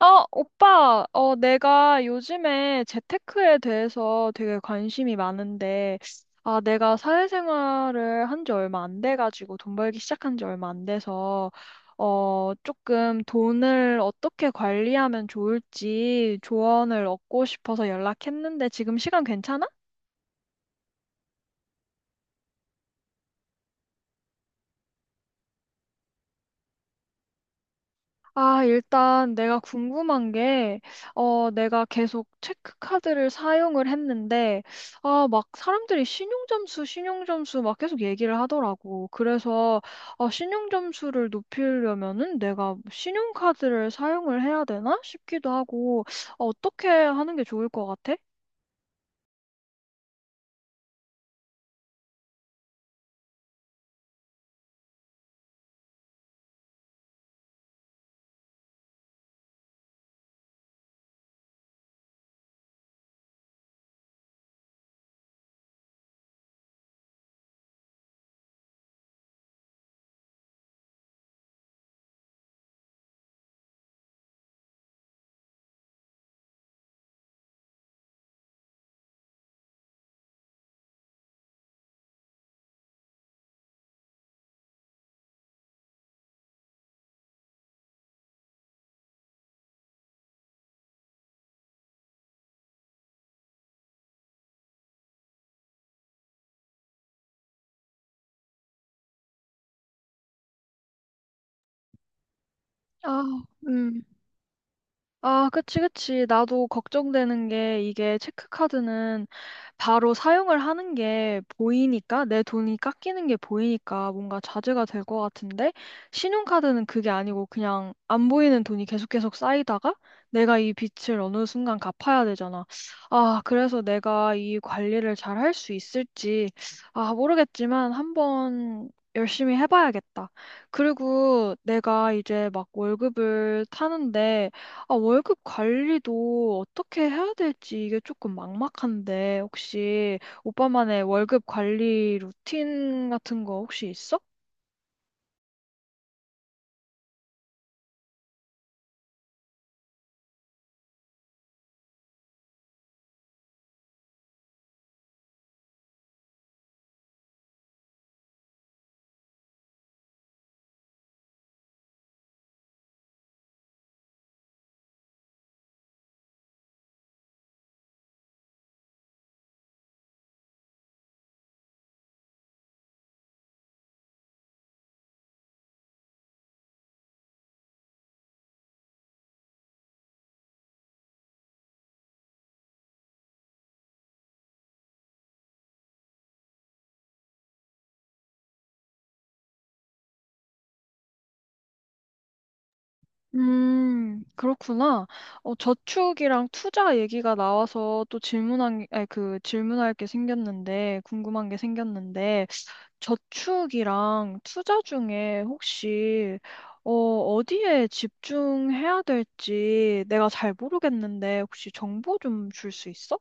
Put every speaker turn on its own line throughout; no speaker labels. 오빠, 내가 요즘에 재테크에 대해서 되게 관심이 많은데, 내가 사회생활을 한지 얼마 안 돼가지고, 돈 벌기 시작한 지 얼마 안 돼서, 조금 돈을 어떻게 관리하면 좋을지 조언을 얻고 싶어서 연락했는데, 지금 시간 괜찮아? 일단 내가 궁금한 게, 내가 계속 체크카드를 사용을 했는데, 막 사람들이 신용점수 막 계속 얘기를 하더라고. 그래서, 신용점수를 높이려면은 내가 신용카드를 사용을 해야 되나 싶기도 하고, 어떻게 하는 게 좋을 것 같아? 아, 음. 아, 그치, 그치. 나도 걱정되는 게 이게 체크카드는 바로 사용을 하는 게 보이니까, 내 돈이 깎이는 게 보이니까 뭔가 자제가 될 것 같은데, 신용카드는 그게 아니고 그냥 안 보이는 돈이 계속 쌓이다가 내가 이 빚을 어느 순간 갚아야 되잖아. 그래서 내가 이 관리를 잘 할 수 있을지, 모르겠지만 한번 열심히 해봐야겠다. 그리고 내가 이제 막 월급을 타는데, 월급 관리도 어떻게 해야 될지 이게 조금 막막한데, 혹시 오빠만의 월급 관리 루틴 같은 거 혹시 있어? 그렇구나. 저축이랑 투자 얘기가 나와서 또 질문한, 아니, 그 질문할 게 궁금한 게 생겼는데, 저축이랑 투자 중에 혹시, 어디에 집중해야 될지 내가 잘 모르겠는데, 혹시 정보 좀 줄 수 있어?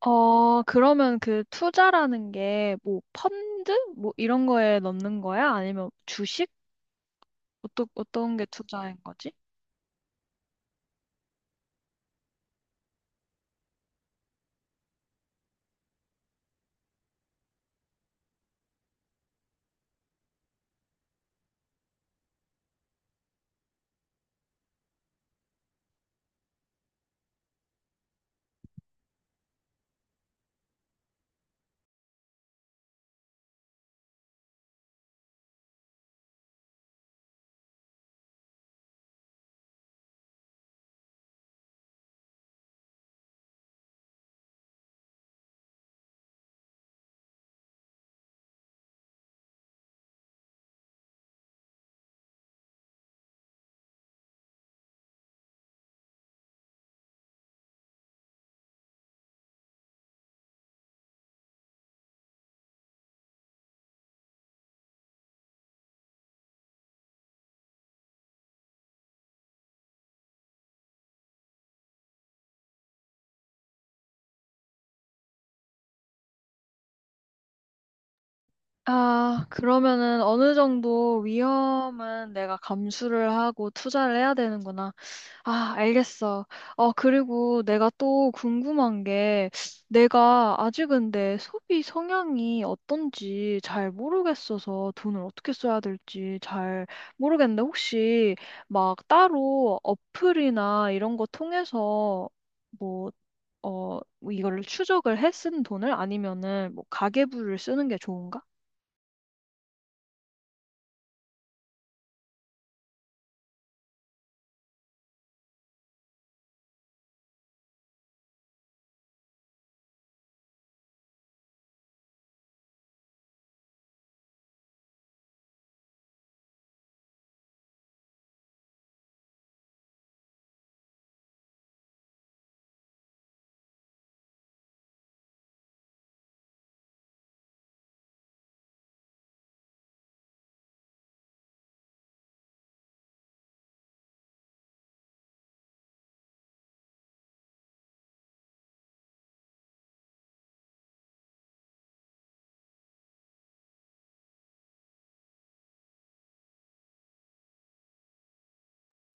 그러면 그 투자라는 게 뭐 펀드? 뭐 이런 거에 넣는 거야? 아니면 주식? 어떤 게 투자인 거지? 그러면은 어느 정도 위험은 내가 감수를 하고 투자를 해야 되는구나. 아, 알겠어. 그리고 내가 또 궁금한 게, 내가 아직 근데 소비 성향이 어떤지 잘 모르겠어서 돈을 어떻게 써야 될지 잘 모르겠는데, 혹시 막 따로 어플이나 이런 거 통해서 뭐, 뭐 이거를 추적을 해 쓴 돈을 아니면은 뭐 가계부를 쓰는 게 좋은가?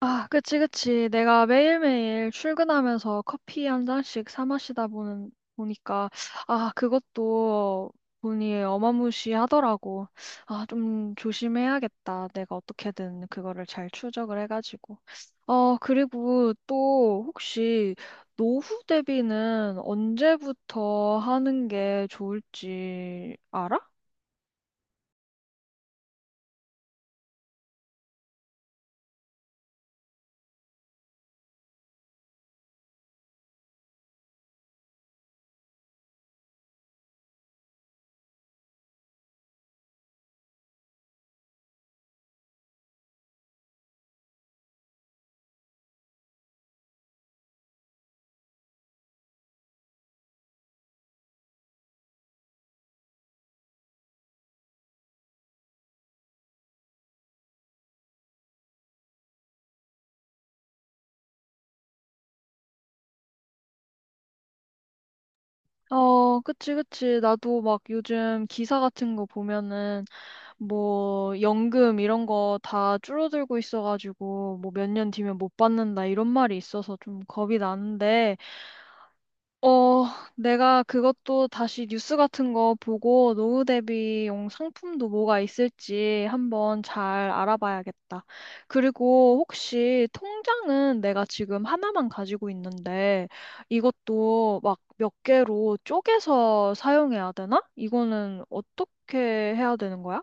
아, 그치, 그치. 내가 매일매일 출근하면서 커피 한 잔씩 사 보니까, 그것도 돈이 어마무시하더라고. 아, 좀 조심해야겠다. 내가 어떻게든 그거를 잘 추적을 해가지고. 그리고 또 혹시 노후 대비는 언제부터 하는 게 좋을지 알아? 어, 그치, 그치. 나도 막 요즘 기사 같은 거 보면은 뭐 연금 이런 거 다 줄어들고 있어가지고 뭐 몇 년 뒤면 못 받는다 이런 말이 있어서 좀 겁이 나는데 어, 내가 그것도 다시 뉴스 같은 거 보고 노후 대비용 상품도 뭐가 있을지 한번 잘 알아봐야겠다. 그리고 혹시 통장은 내가 지금 하나만 가지고 있는데 이것도 막 몇 개로 쪼개서 사용해야 되나? 이거는 어떻게 해야 되는 거야?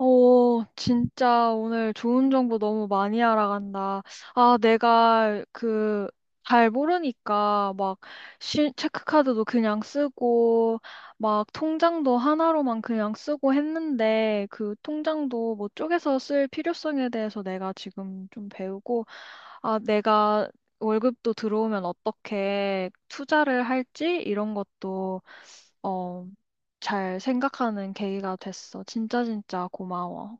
진짜 오늘 좋은 정보 너무 많이 알아간다. 내가 잘 모르니까 막 체크카드도 그냥 쓰고 막 통장도 하나로만 그냥 쓰고 했는데 그 통장도 뭐 쪼개서 쓸 필요성에 대해서 내가 지금 좀 배우고 내가 월급도 들어오면 어떻게 투자를 할지 이런 것도 어, 잘 생각하는 계기가 됐어. 진짜 진짜 고마워.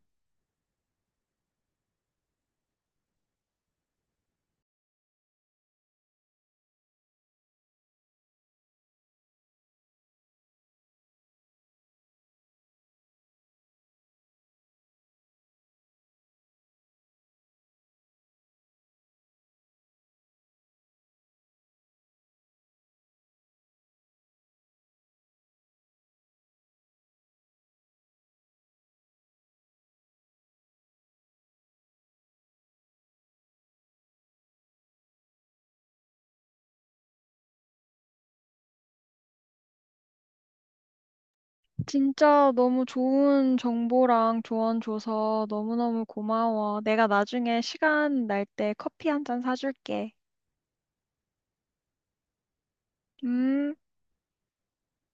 진짜 너무 좋은 정보랑 조언 줘서 너무너무 고마워. 내가 나중에 시간 날 때 커피 한 잔 사줄게. 음.